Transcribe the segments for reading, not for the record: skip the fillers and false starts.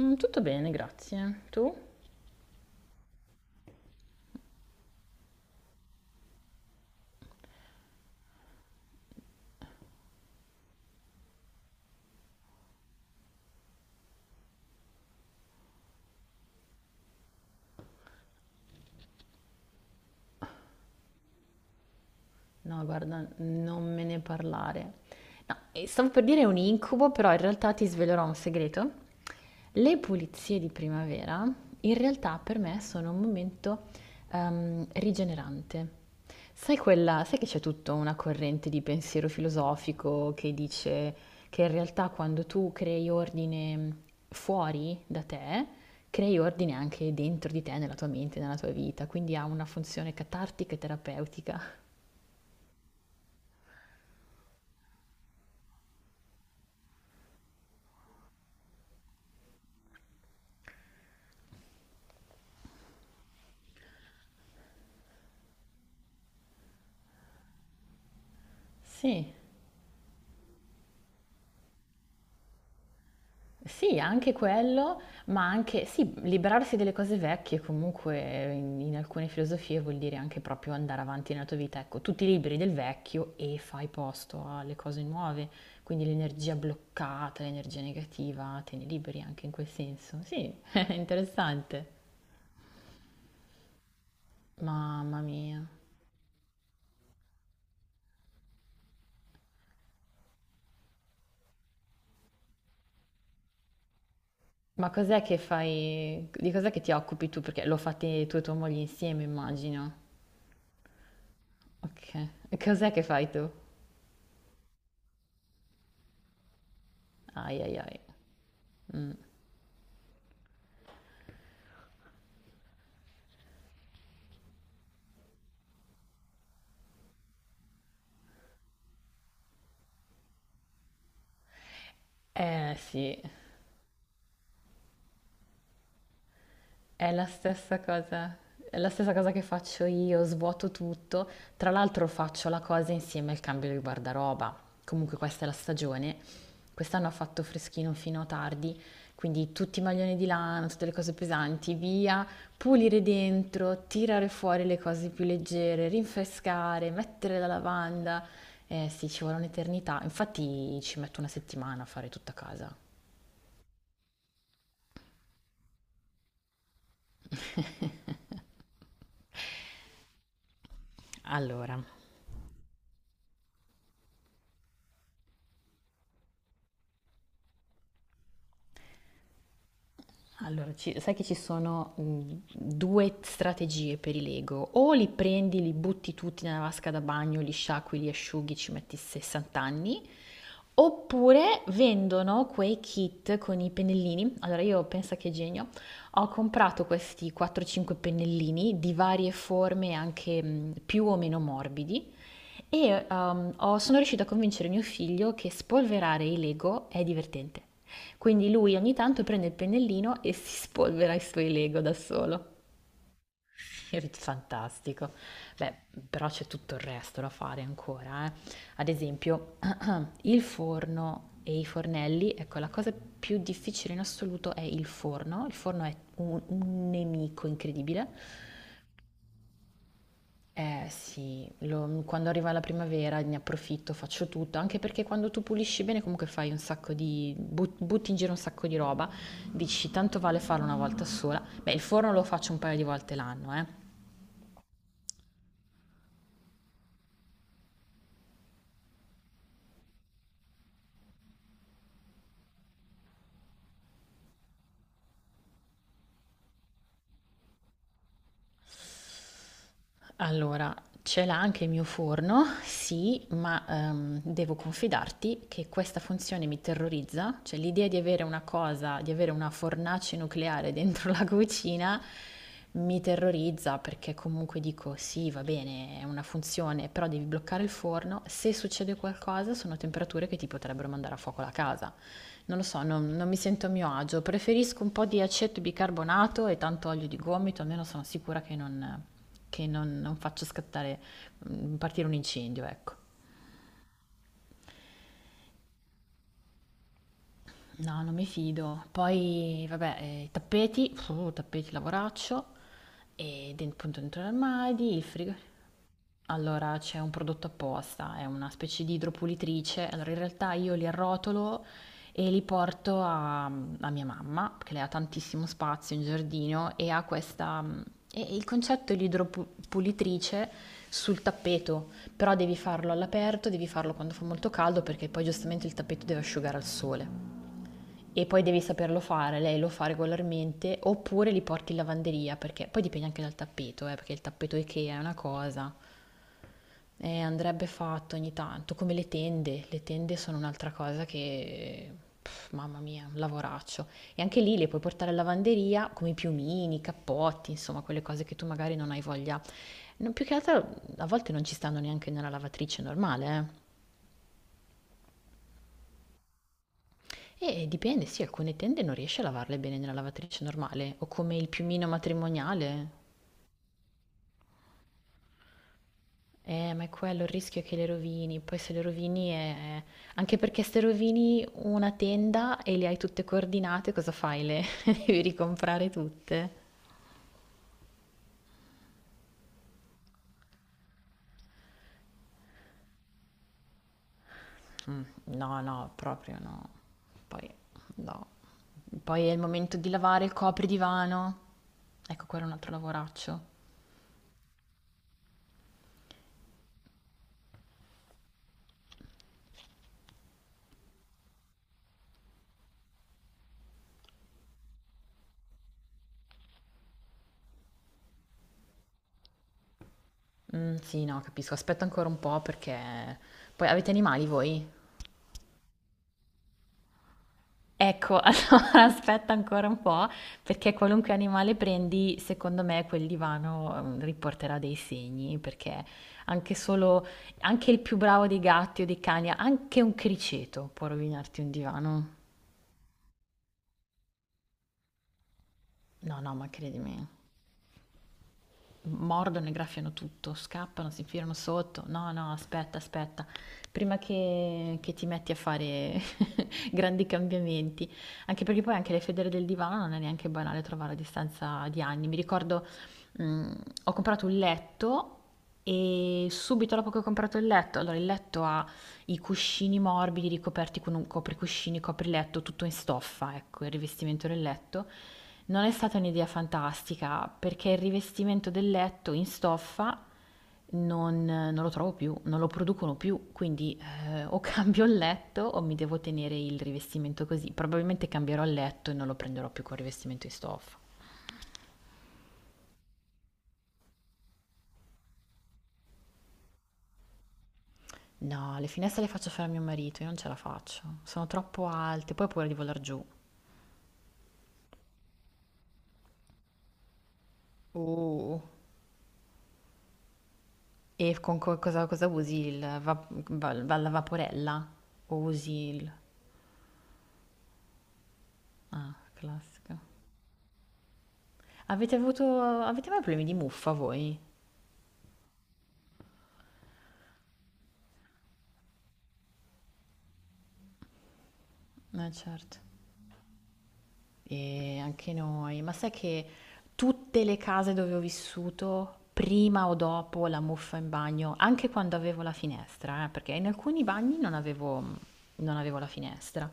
Tutto bene, grazie. Tu? No, guarda, non me ne parlare. No, e stavo per dire un incubo, però in realtà ti svelerò un segreto. Le pulizie di primavera in realtà per me sono un momento rigenerante. Sai che c'è tutta una corrente di pensiero filosofico che dice che in realtà quando tu crei ordine fuori da te, crei ordine anche dentro di te, nella tua mente, nella tua vita, quindi ha una funzione catartica e terapeutica. Sì, sì, anche quello, ma anche, sì, liberarsi delle cose vecchie comunque in alcune filosofie vuol dire anche proprio andare avanti nella tua vita. Ecco, tu ti liberi del vecchio e fai posto alle cose nuove, quindi l'energia bloccata, l'energia negativa, te ne liberi anche in quel senso. Sì, è interessante. Mamma mia. Ma cos'è che fai, di cos'è che ti occupi tu? Perché lo fate tu e tua moglie insieme, immagino. Ok, cos'è che fai tu? Ai ai ai. Eh sì, è la stessa cosa, è la stessa cosa che faccio io, svuoto tutto. Tra l'altro faccio la cosa insieme al cambio di guardaroba. Comunque questa è la stagione. Quest'anno ha fatto freschino fino a tardi, quindi tutti i maglioni di lana, tutte le cose pesanti, via, pulire dentro, tirare fuori le cose più leggere, rinfrescare, mettere la lavanda. Eh sì, ci vuole un'eternità. Infatti ci metto una settimana a fare tutta casa. Allora, sai che ci sono due strategie per i Lego. O li prendi, li butti tutti nella vasca da bagno, li sciacqui, li asciughi, ci metti 60 anni. Oppure vendono quei kit con i pennellini. Allora io pensa che genio, ho comprato questi 4-5 pennellini di varie forme, anche più o meno morbidi, e sono riuscita a convincere mio figlio che spolverare i Lego è divertente. Quindi lui ogni tanto prende il pennellino e si spolvera i suoi Lego da solo. Fantastico. Beh, però c'è tutto il resto da fare ancora, eh. Ad esempio, il forno e i fornelli, ecco, la cosa più difficile in assoluto è il forno. Il forno è un nemico incredibile. Eh sì, quando arriva la primavera ne approfitto, faccio tutto, anche perché quando tu pulisci bene comunque fai un sacco di, butti in giro un sacco di roba, dici tanto vale farlo una volta sola. Beh, il forno lo faccio un paio di volte l'anno, eh. Allora, ce l'ha anche il mio forno, sì, ma devo confidarti che questa funzione mi terrorizza, cioè l'idea di avere una cosa, di avere una fornace nucleare dentro la cucina mi terrorizza perché comunque dico sì, va bene, è una funzione, però devi bloccare il forno, se succede qualcosa sono temperature che ti potrebbero mandare a fuoco la casa. Non lo so, non mi sento a mio agio. Preferisco un po' di aceto bicarbonato e tanto olio di gomito, almeno sono sicura che non, non faccio scattare, partire un incendio, ecco. No, non mi fido. Poi, vabbè, i tappeti, tappeti lavoraccio, e appunto dentro l'armadio, il frigo. Allora, c'è un prodotto apposta, è una specie di idropulitrice. Allora, in realtà io li arrotolo e li porto a mia mamma, che lei ha tantissimo spazio in giardino e ha questa... E il concetto è l'idropulitrice sul tappeto, però devi farlo all'aperto, devi farlo quando fa molto caldo perché poi giustamente il tappeto deve asciugare al sole. E poi devi saperlo fare, lei lo fa regolarmente, oppure li porti in lavanderia, perché poi dipende anche dal tappeto, perché il tappeto IKEA è una cosa, andrebbe fatto ogni tanto, come le tende. Le tende sono un'altra cosa che, pff, mamma mia, un lavoraccio. E anche lì le puoi portare in lavanderia come i piumini, i cappotti, insomma, quelle cose che tu magari non hai voglia. Non, più che altro a volte non ci stanno neanche nella lavatrice normale, eh. E dipende, sì, alcune tende non riesci a lavarle bene nella lavatrice normale, o come il piumino matrimoniale. Ma è quello il rischio è che le rovini, poi se le rovini è... anche perché se rovini una tenda e le hai tutte coordinate, cosa fai? Le devi ricomprare tutte? Mm, no, no, proprio no. Poi, no. Poi è il momento di lavare il copridivano. Ecco, quello è un altro lavoraccio. Mm, sì, no, capisco. Aspetta ancora un po' perché... Poi avete animali voi? Ecco, allora aspetta ancora un po', perché qualunque animale prendi, secondo me quel divano riporterà dei segni, perché anche solo, anche il più bravo dei gatti o dei cani, anche un criceto può rovinarti un divano. No, no, ma credimi, mordono e graffiano tutto, scappano, si infilano sotto. No, no, aspetta, aspetta, prima che ti metti a fare grandi cambiamenti, anche perché poi anche le federe del divano non è neanche banale trovare a distanza di anni. Mi ricordo, mh, ho comprato un letto e subito dopo che ho comprato il letto, allora il letto ha i cuscini morbidi ricoperti con un copricuscini, copriletto, tutto in stoffa, ecco, il rivestimento del letto. Non è stata un'idea fantastica perché il rivestimento del letto in stoffa non lo trovo più, non lo producono più, quindi o cambio il letto o mi devo tenere il rivestimento così. Probabilmente cambierò il letto e non lo prenderò più col rivestimento in stoffa. No, le finestre le faccio fare a mio marito, io non ce la faccio, sono troppo alte, poi ho paura di volar giù. Uh, E con cosa usi? Il la vaporella? O usi il... Ah, classico. Avete avuto... Avete mai problemi di muffa voi? Certo. E anche noi, ma sai che tutte le case dove ho vissuto, prima o dopo la muffa in bagno, anche quando avevo la finestra, perché in alcuni bagni non avevo la finestra,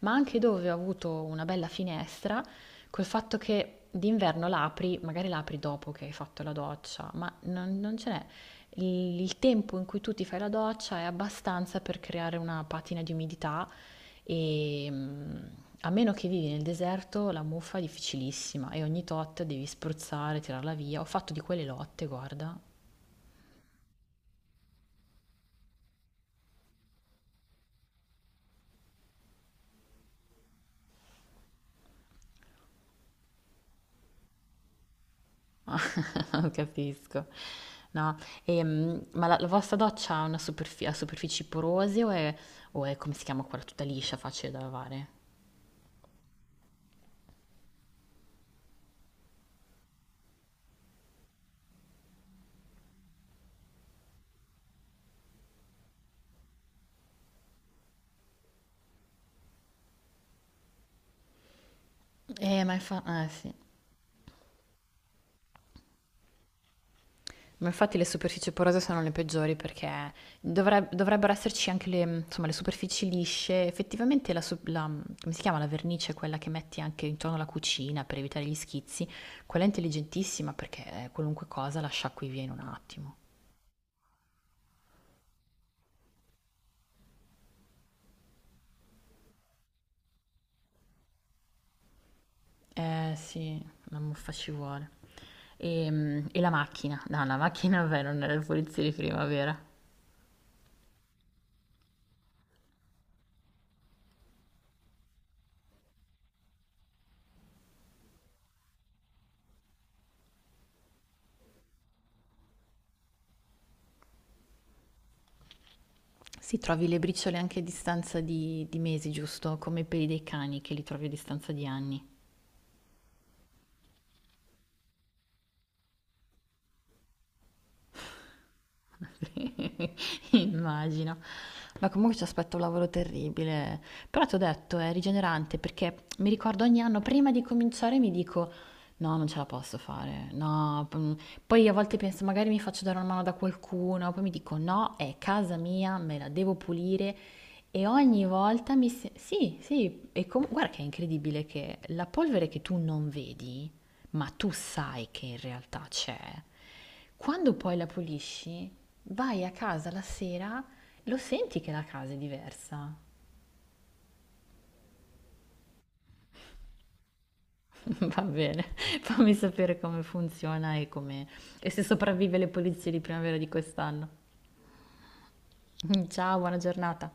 ma anche dove ho avuto una bella finestra, col fatto che d'inverno l'apri, magari l'apri dopo che hai fatto la doccia, ma non ce n'è. Il tempo in cui tu ti fai la doccia è abbastanza per creare una patina di umidità e a meno che vivi nel deserto, la muffa è difficilissima e ogni tot devi spruzzare, tirarla via. Ho fatto di quelle lotte, guarda. Non capisco. No, ma la vostra doccia ha una ha superfici porose o è, come si chiama quella, tutta liscia, facile da lavare? Ma infatti, eh sì. Ma infatti le superfici porose sono le peggiori perché dovrebbero esserci anche le, insomma, le superfici lisce. Effettivamente come si chiama? La vernice, quella che metti anche intorno alla cucina per evitare gli schizzi, quella è intelligentissima perché qualunque cosa la sciacqui via in un attimo. Eh sì, la muffa ci vuole. E la macchina? No, la macchina vabbè, non è la pulizia di primavera. Sì, trovi le briciole anche a distanza di mesi, giusto? Come i peli dei cani che li trovi a distanza di anni. Immagino. Ma comunque ci aspetta un lavoro terribile però ti ho detto, è rigenerante perché mi ricordo ogni anno, prima di cominciare mi dico, no, non ce la posso fare, no. Poi a volte penso, magari mi faccio dare una mano da qualcuno, poi mi dico, no, è casa mia, me la devo pulire. E ogni volta mi... se- Sì, sì, guarda che è incredibile che la polvere che tu non vedi, ma tu sai che in realtà c'è, quando poi la pulisci, vai a casa la sera, lo senti che la casa è diversa. Va bene, fammi sapere come funziona e come e se sopravvive le pulizie di primavera di quest'anno. Ciao, buona giornata.